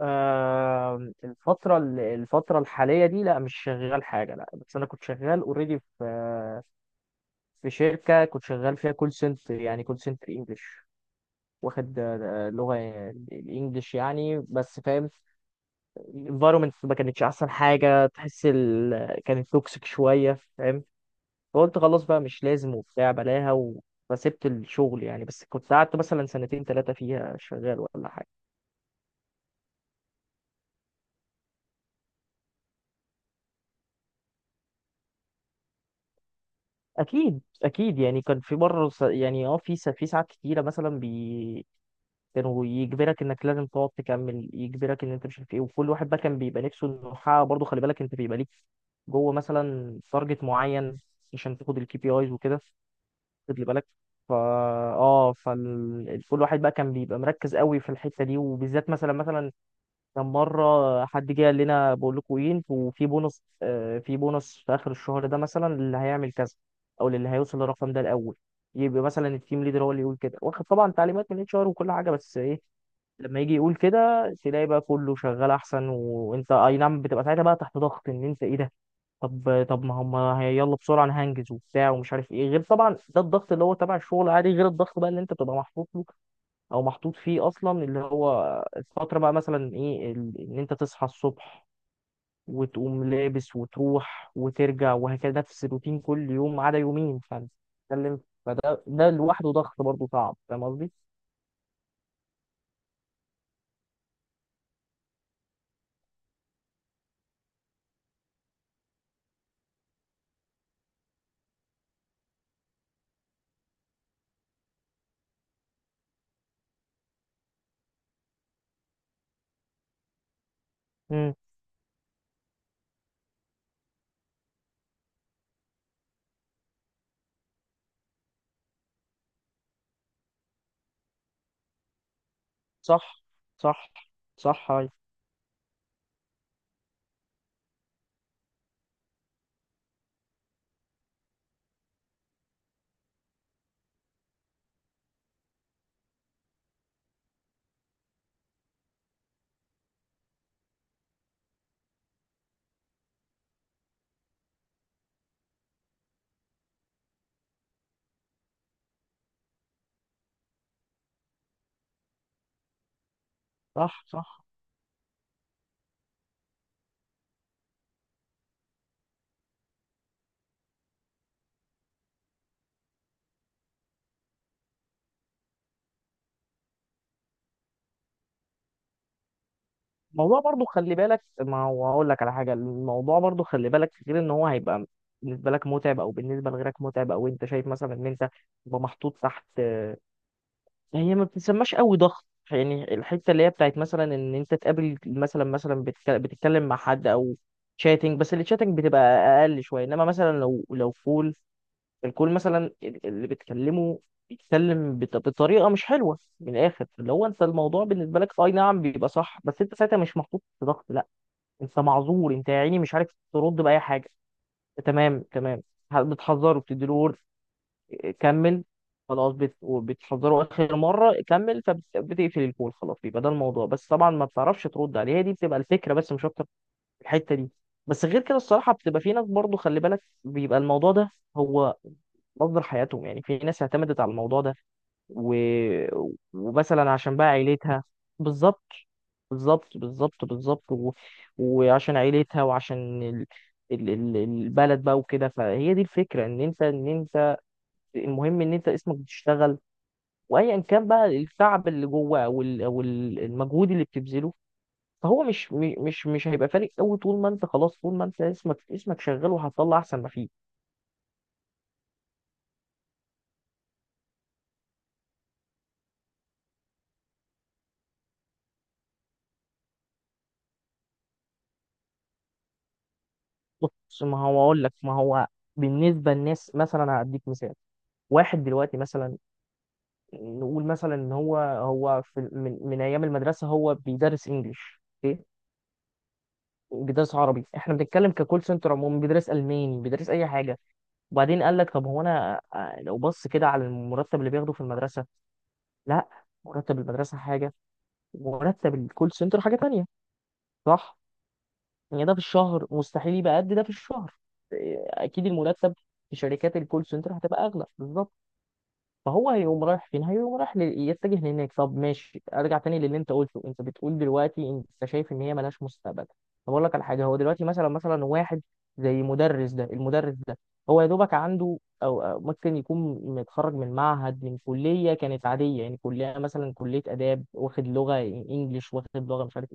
آه، الفترة الحالية دي لا، مش شغال حاجة، لا. بس أنا كنت شغال اوريدي، في شركة كنت شغال فيها كول سنتر، يعني كول سنتر انجلش. واخد لغة الانجليش يعني، بس فاهم الانفايرمنت ما كانتش أحسن حاجة. تحس كانت توكسيك شوية، فاهم. فقلت خلاص بقى مش لازم وبتاع، بلاها فسبت الشغل يعني، بس كنت قعدت مثلا سنتين ثلاثة فيها شغال ولا حاجة. اكيد اكيد، يعني كان في مره يعني في في ساعات كتيره مثلا، كانوا يجبرك انك لازم تقعد تكمل، يجبرك ان انت مش عارف ايه. وكل واحد بقى كان بيبقى نفسه انه يحقق، برضه خلي بالك انت بيبقى ليك جوه مثلا تارجت معين عشان تاخد الكي بي ايز وكده. خد لي بالك. فا اه فكل واحد بقى كان بيبقى مركز قوي في الحته دي، وبالذات مثلا، كان مرة حد جه قال لنا بقول لكم ايه، انتوا في بونص، في بونص في آخر الشهر ده مثلا اللي هيعمل كذا، أو اللي هيوصل للرقم ده الأول. يبقى مثلا التيم ليدر هو اللي يقول كده، واخد طبعا تعليمات من اتش ار وكل حاجة، بس ايه، لما يجي يقول كده تلاقي بقى كله شغال أحسن. وأنت أي نعم بتبقى ساعتها بقى تحت ضغط، إن أنت ايه ده، طب طب ما هم يلا بسرعة أنا هنجز وبتاع ومش عارف ايه. غير طبعا ده الضغط اللي هو تبع الشغل، عادي. غير الضغط بقى اللي أنت بتبقى محطوط له او محطوط فيه اصلا، اللي هو الفتره بقى مثلا ايه، ان انت تصحى الصبح وتقوم لابس وتروح وترجع، وهكذا نفس الروتين كل يوم ما عدا يومين، فانت بتتكلم. فده لوحده ضغط برضه صعب، فاهم قصدي؟ امم صح. صح، صح، هاي. صح، صح. الموضوع برضه خلي بالك، ما هو هقول لك على حاجه، الموضوع برضه خلي بالك غير ان هو هيبقى بالنسبه لك متعب او بالنسبه لغيرك متعب، او انت شايف مثلا ان انت تبقى محطوط تحت. يعني هي ما بتسماش قوي ضغط، يعني الحته اللي هي بتاعت مثلا ان انت تقابل مثلا، بتتكلم مع حد او شاتنج. بس الشاتنج بتبقى اقل شويه، انما مثلا لو الكول مثلا، اللي بتكلمه بيتكلم بطريقه مش حلوه، من الاخر، اللي هو انت الموضوع بالنسبه لك اي نعم بيبقى صح، بس انت ساعتها مش محطوط في ضغط، لا. انت معذور، انت يا عيني مش عارف ترد باي حاجه. تمام، تمام. بتحذره، بتديله كمل. خلاص وبتحذره اخر مره، كمل. فبتقفل الكول، خلاص. يبقى ده الموضوع، بس طبعا ما بتعرفش ترد عليه، هي دي بتبقى الفكره، بس مش اكتر في الحته دي. بس غير كده الصراحه بتبقى في ناس، برضو خلي بالك، بيبقى الموضوع ده هو مصدر حياتهم. يعني في ناس اعتمدت على الموضوع ده و... ومثلا عشان بقى عيلتها. بالظبط، بالظبط، بالظبط، بالظبط، وعشان عيلتها وعشان البلد بقى وكده، فهي دي الفكره ان انت ان انت المهم ان انت اسمك بتشتغل. وايا كان بقى التعب اللي جوه او المجهود اللي بتبذله، فهو مش هيبقى فارق قوي، طول ما انت خلاص، طول ما انت اسمك شغال، وهتطلع احسن ما فيه. بص، ما هو اقول لك، ما هو بالنسبه للناس مثلا هديك مثال، واحد دلوقتي مثلا، نقول مثلا ان هو في من ايام المدرسه هو بيدرس انجليش، اوكي، بيدرس عربي، احنا بنتكلم ككول سنتر عموما، بيدرس الماني، بيدرس اي حاجه. وبعدين قال لك طب هو انا، لو بص كده على المرتب اللي بياخده في المدرسه، لا. مرتب المدرسه حاجه، ومرتب الكول سنتر حاجه تانية، صح. يعني ده في الشهر مستحيل يبقى قد ده في الشهر، اكيد المرتب في شركات الكول سنتر هتبقى اغلى، بالظبط. فهو هيقوم رايح فين، هيقوم رايح يتجه لهناك. طب ماشي، ارجع تاني للي انت قلته، انت بتقول دلوقتي انت شايف ان هي ملهاش مستقبل. طب اقول لك على حاجه، هو دلوقتي مثلا، واحد زي مدرس ده، المدرس ده هو يا دوبك عنده، او ممكن يكون متخرج من معهد، من كليه كانت عاديه، يعني كليه مثلا كليه اداب واخد لغه انجليش، واخد لغه مش عارف.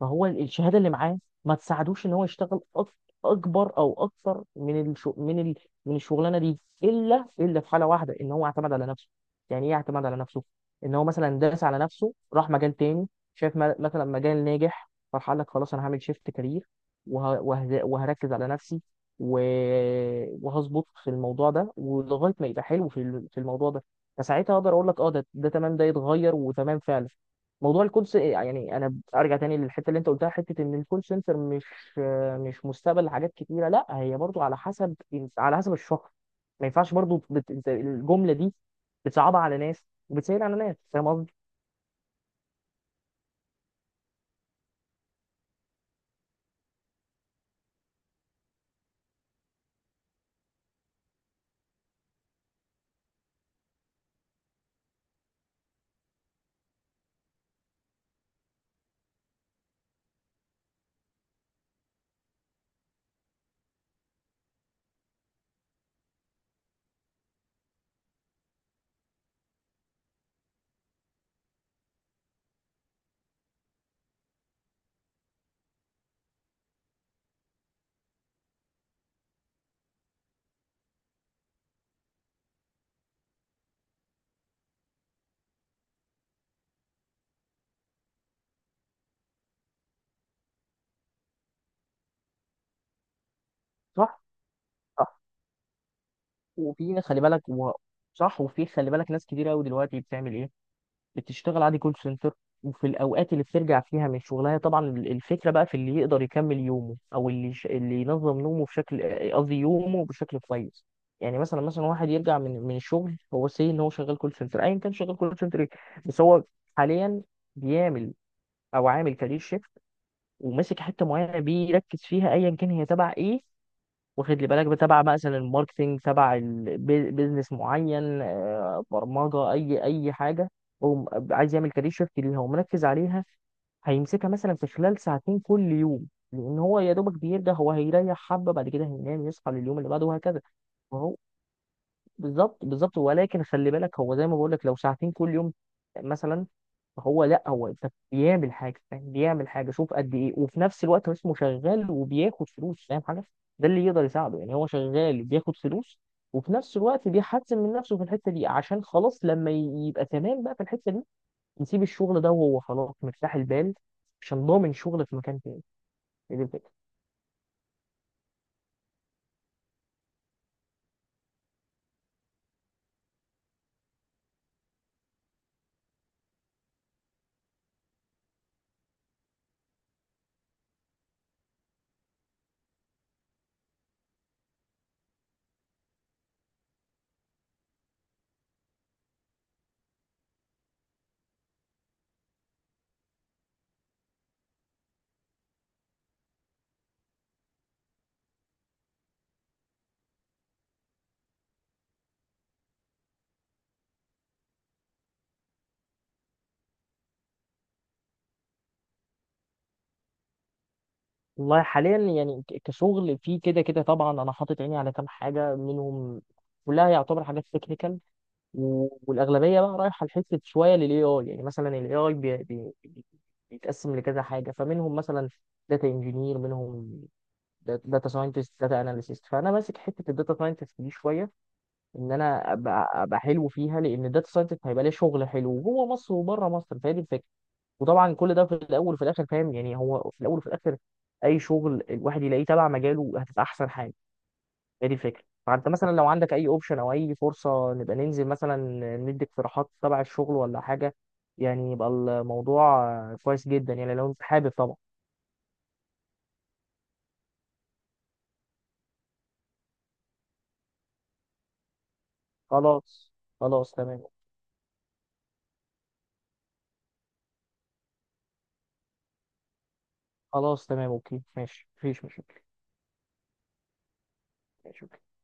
فهو الشهاده اللي معاه ما تساعدوش ان هو يشتغل اكبر، او اكثر، من من الشغلانه دي، الا في حاله واحده، ان هو اعتمد على نفسه. يعني ايه اعتمد على نفسه، ان هو مثلا داس على نفسه، راح مجال تاني، شايف مثلا مجال ناجح، فراح قال لك خلاص انا هعمل شيفت كارير، وهركز على نفسي و... وهظبط في الموضوع ده، ولغايه ما يبقى حلو في في الموضوع ده. فساعتها اقدر اقول لك، ده تمام، ده يتغير وتمام فعلا. موضوع الكول يعني انا ارجع تاني للحته اللي انت قلتها، حته ان الكول سنتر مش مستقبل لحاجات كتيره، لا، هي برضو على حسب الشخص. ما ينفعش برضو أنت الجمله دي بتصعبها على ناس، وبتسهل على ناس، فاهم قصدي. صح، صح. وفي ناس خلي بالك صح. وفي خلي بالك ناس كتير قوي دلوقتي بتعمل ايه، بتشتغل عادي كول سنتر، وفي الاوقات اللي بترجع فيها من شغلها طبعا، الفكره بقى في اللي يقدر يكمل يومه، او اللي اللي ينظم نومه بشكل، قصدي يومه بشكل كويس. يعني مثلا، واحد يرجع من الشغل، هو سي ان هو شغال كول سنتر، ايا كان شغال كول سنتر ايه، بس هو حاليا بيعمل او عامل كارير شيفت، وماسك حته معينه بيركز فيها، ايا كان هي تبع ايه، واخد لي بالك، تبع مثلا الماركتينج، تبع بيزنس معين، برمجه، اي حاجه. هو عايز يعمل كارير شيفت ليها ومركز عليها، هيمسكها مثلا في خلال ساعتين كل يوم، لان هو يا دوبك بيرجع هو هيريح حبه، بعد كده هينام يصحى لليوم اللي بعده، وهكذا. بالظبط، بالظبط. ولكن خلي بالك هو زي ما بقول لك، لو ساعتين كل يوم مثلا، هو لا، هو انت بيعمل حاجه، فاهم، بيعمل حاجه، شوف قد ايه، وفي نفس الوقت هو اسمه شغال وبياخد فلوس، فاهم حاجه. ده اللي يقدر يساعده، يعني هو شغال بياخد فلوس، وفي نفس الوقت بيحسن من نفسه في الحته دي، عشان خلاص لما يبقى تمام بقى في الحته دي يسيب الشغل ده وهو خلاص مرتاح البال، عشان ضامن شغل في مكان تاني. والله حاليا يعني كشغل في كده كده طبعا، انا حاطط عيني على كام حاجه منهم، كلها يعتبر حاجات تكنيكال، والاغلبيه بقى رايحه لحته شويه للاي اي، يعني مثلا الاي اي بي، بيتقسم لكذا حاجه، فمنهم مثلا داتا انجينير، منهم داتا ساينتست، داتا اناليسيست، فانا ماسك حته الداتا ساينتست دي شويه، ان انا أبقى حلو فيها، لان الداتا ساينتست هيبقى ليه شغل حلو جوه مصر وبره مصر، فهي دي الفكره. وطبعا كل ده في الاول وفي الاخر، فاهم، يعني هو في الاول وفي الاخر اي شغل الواحد يلاقيه تبع مجاله هتبقى احسن حاجه، هي دي الفكره. فانت مثلا لو عندك اي اوبشن او اي فرصه، نبقى ننزل مثلا ندي اقتراحات تبع الشغل ولا حاجه، يعني يبقى الموضوع كويس جدا، يعني لو انت حابب طبعا. خلاص. خلاص، تمام. خلاص، تمام، اوكي، ماشي، مفيش مشاكل. ماشي.